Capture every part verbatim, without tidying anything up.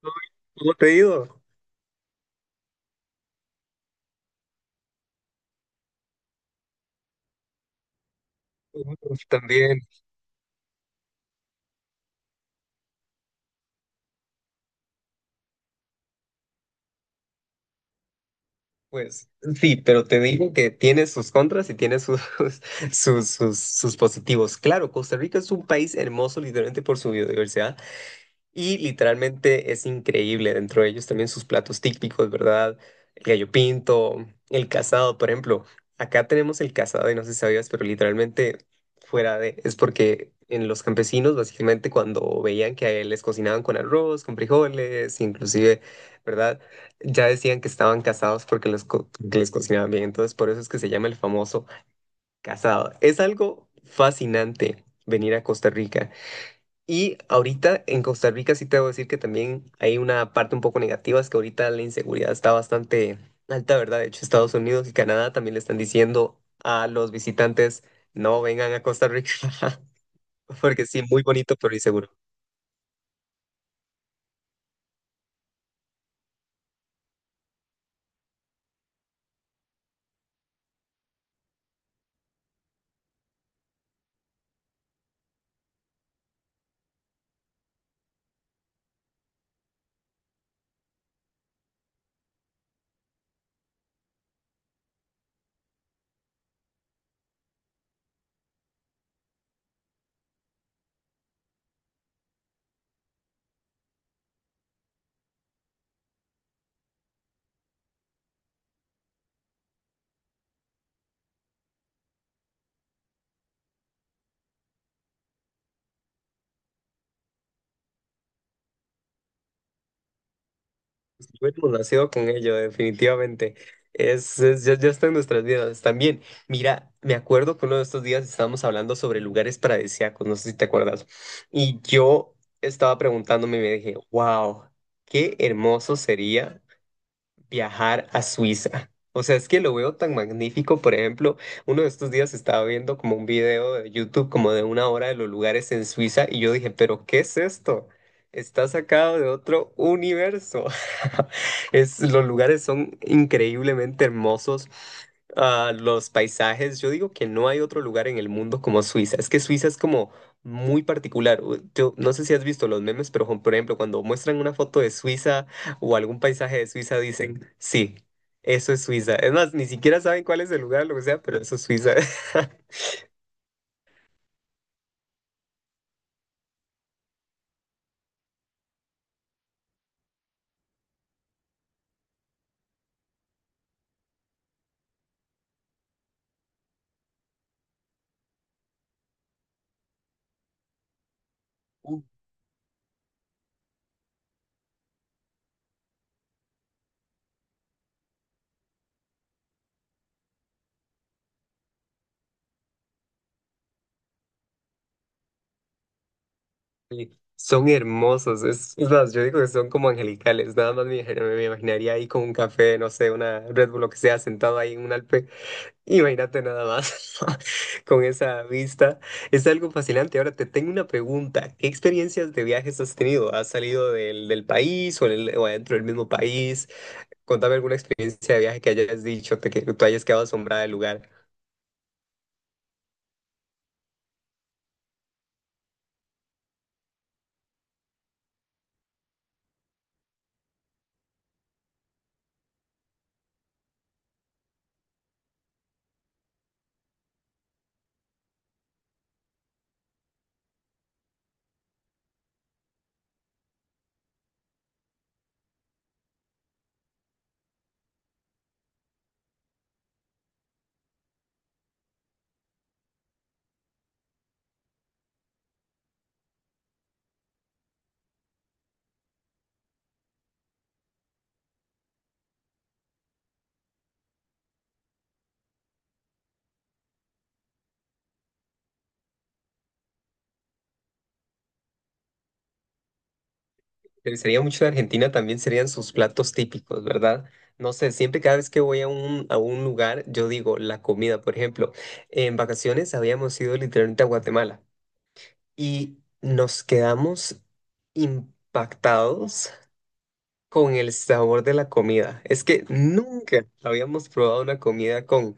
¿Cómo cómo te ha ido? Pues, también, pues sí, pero te digo que tiene sus contras y tiene sus, sus, sus, sus positivos. Claro, Costa Rica es un país hermoso literalmente por su biodiversidad. Y literalmente es increíble, dentro de ellos también sus platos típicos, ¿verdad? El gallo pinto, el casado, por ejemplo. Acá tenemos el casado y no sé si sabías, pero literalmente fuera de... es porque en los campesinos básicamente cuando veían que a él les cocinaban con arroz, con frijoles, inclusive, ¿verdad? Ya decían que estaban casados porque los co- que les cocinaban bien. Entonces por eso es que se llama el famoso casado. Es algo fascinante venir a Costa Rica. Y ahorita en Costa Rica sí te debo decir que también hay una parte un poco negativa, es que ahorita la inseguridad está bastante alta, ¿verdad? De hecho, Estados Unidos y Canadá también le están diciendo a los visitantes: no vengan a Costa Rica, porque sí, muy bonito, pero inseguro. Hemos nacido con ello, definitivamente. Es, es- ya, ya está en nuestras vidas también. Mira, me acuerdo que uno de estos días estábamos hablando sobre lugares paradisíacos, no sé si te acuerdas. Y yo estaba preguntándome y me dije, wow, qué hermoso sería viajar a Suiza. O sea, es que lo veo tan magnífico. Por ejemplo, uno de estos días estaba viendo como un video de YouTube como de una hora de los lugares en Suiza y yo dije, pero ¿qué es esto? Está sacado de otro universo. Es, los lugares son increíblemente hermosos. Ah, los paisajes. Yo digo que no hay otro lugar en el mundo como Suiza. Es que Suiza es como muy particular. U- Yo no sé si has visto los memes, pero por ejemplo, cuando muestran una foto de Suiza o algún paisaje de Suiza, dicen, sí, eso es Suiza. Es más, ni siquiera saben cuál es el lugar, lo que sea, pero eso es Suiza. Y son hermosos. Es, es más, yo digo que son como angelicales, nada más me, imagino- me imaginaría ahí con un café, no sé, una Red Bull, lo que sea, sentado ahí en un Alpe. Imagínate nada más con esa vista, es algo fascinante. Ahora te tengo una pregunta. ¿Qué experiencias de viajes has tenido? ¿Has salido del, del país o en el- o adentro del mismo país? Contame alguna experiencia de viaje que hayas dicho, te que tú hayas quedado asombrada del lugar. Me gustaría mucho de Argentina también serían sus platos típicos, ¿verdad? No sé, siempre cada vez que voy a un, a un lugar, yo digo la comida. Por ejemplo, en vacaciones habíamos ido literalmente a Guatemala y nos quedamos impactados con el sabor de la comida. Es que nunca habíamos probado una comida con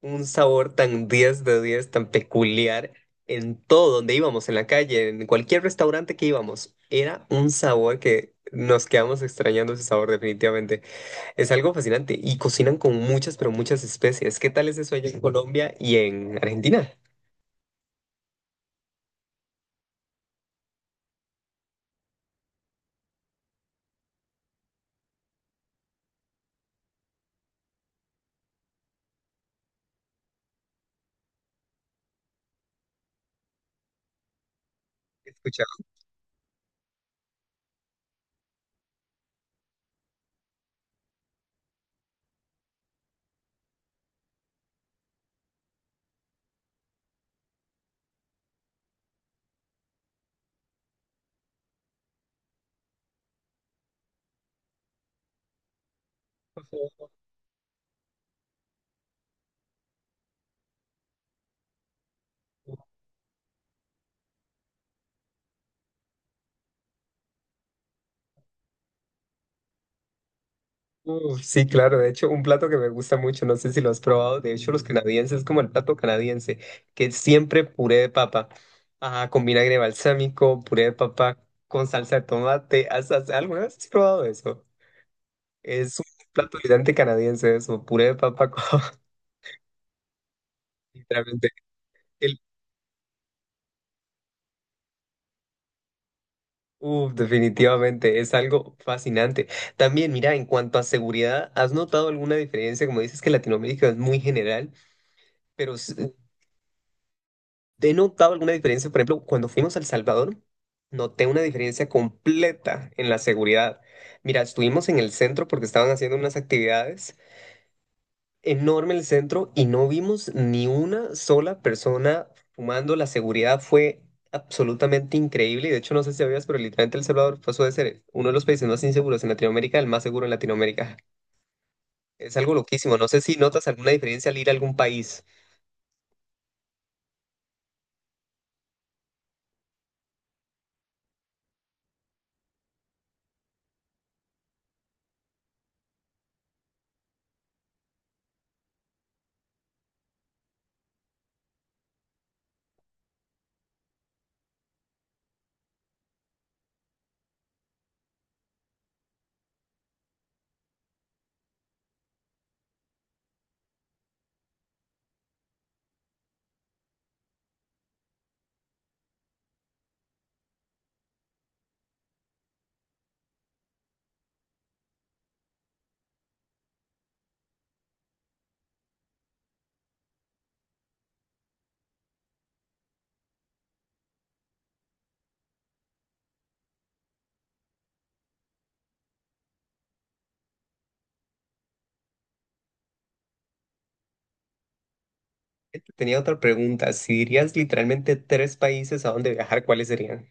un sabor tan diez de diez, tan peculiar, en todo donde íbamos, en la calle, en cualquier restaurante que íbamos. Era un sabor que nos quedamos extrañando ese sabor definitivamente. Es algo fascinante y cocinan con muchas, pero muchas especies. ¿Qué tal es eso allá en Colombia y en Argentina? Uh, sí, claro. De hecho, un plato que me gusta mucho, no sé si lo has probado. De hecho, los canadienses, es como el plato canadiense, que es siempre puré de papa, ah, con vinagre balsámico, puré de papa con salsa de tomate. ¿Has- has- ¿Alguna vez has probado eso? Es un plato gigante canadiense, eso, puré de papa con, literalmente, el, uh, definitivamente, es algo fascinante. También, mira, en cuanto a seguridad, ¿has notado alguna diferencia? Como dices que Latinoamérica es muy general. Pero s- ¿Te he notado alguna diferencia? Por ejemplo, cuando fuimos a El Salvador, noté una diferencia completa en la seguridad. Mira, estuvimos en el centro porque estaban haciendo unas actividades enorme el centro y no vimos ni una sola persona fumando. La seguridad fue absolutamente increíble, y de hecho no sé si sabías, pero literalmente El Salvador pasó de ser uno de los países más inseguros en Latinoamérica al más seguro en Latinoamérica. Es algo loquísimo. No sé si notas alguna diferencia al ir a algún país. Tenía otra pregunta. Si dirías literalmente tres países a donde viajar, ¿cuáles serían?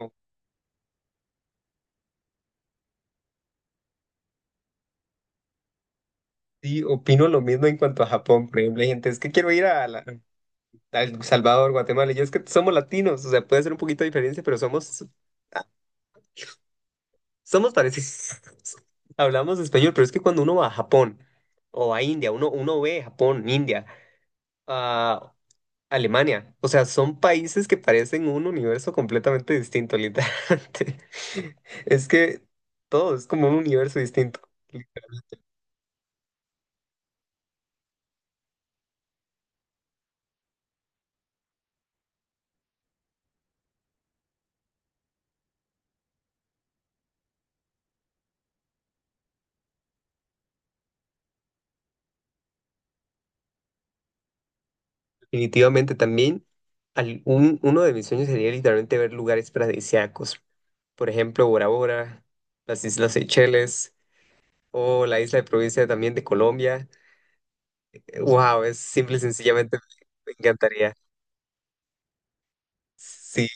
O- Sí, opino lo mismo en cuanto a Japón. Por ejemplo, hay gente, es que quiero ir a, la- a El Salvador, Guatemala. Y yo es que somos latinos, o sea, puede ser un poquito de diferencia, pero somos, somos parecidos. Hablamos español, pero es que cuando uno va a Japón o a India, uno, uno ve Japón, India, a Alemania, o sea, son países que parecen un universo completamente distinto, literalmente. Es que todo es como un universo distinto. Definitivamente también al- un- uno de mis sueños sería literalmente ver lugares paradisíacos, por ejemplo Bora Bora, las Islas Seychelles o la isla de Provincia también de Colombia. Wow, es simple y sencillamente me encantaría. Sí,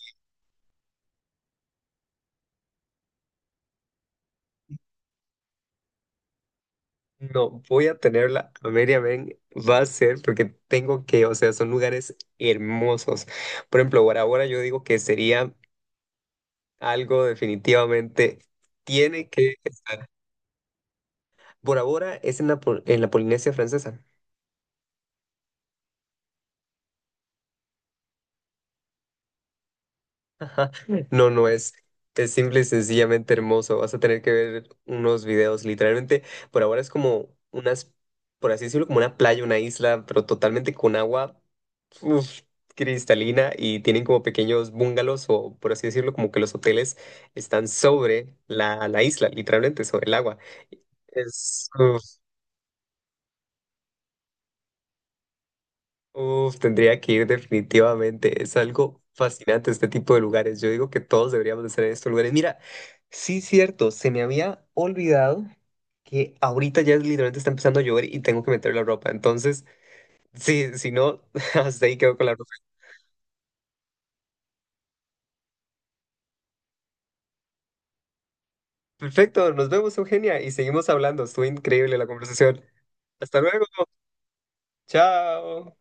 no voy a tenerla, a media ven, va a ser porque tengo que, o sea, son lugares hermosos. Por ejemplo, Bora Bora yo digo que sería algo definitivamente tiene que estar. Bora Bora es en la, Pol- en la Polinesia Francesa. No, no es. Es simple y sencillamente hermoso. Vas a tener que ver unos videos. Literalmente, por ahora es como unas, por así decirlo, como una playa, una isla, pero totalmente con agua, uf, cristalina, y tienen como pequeños bungalows o, por así decirlo, como que los hoteles están sobre la, la isla, literalmente sobre el agua. Es, uf, uf, tendría que ir definitivamente. Es algo fascinante este tipo de lugares. Yo digo que todos deberíamos de estar en estos lugares. Mira, sí, cierto, se me había olvidado que ahorita ya literalmente está empezando a llover y tengo que meter la ropa. Entonces, sí, si no, hasta ahí quedo con la ropa. Perfecto, nos vemos, Eugenia, y seguimos hablando. Estuvo increíble la conversación. Hasta luego. Chao.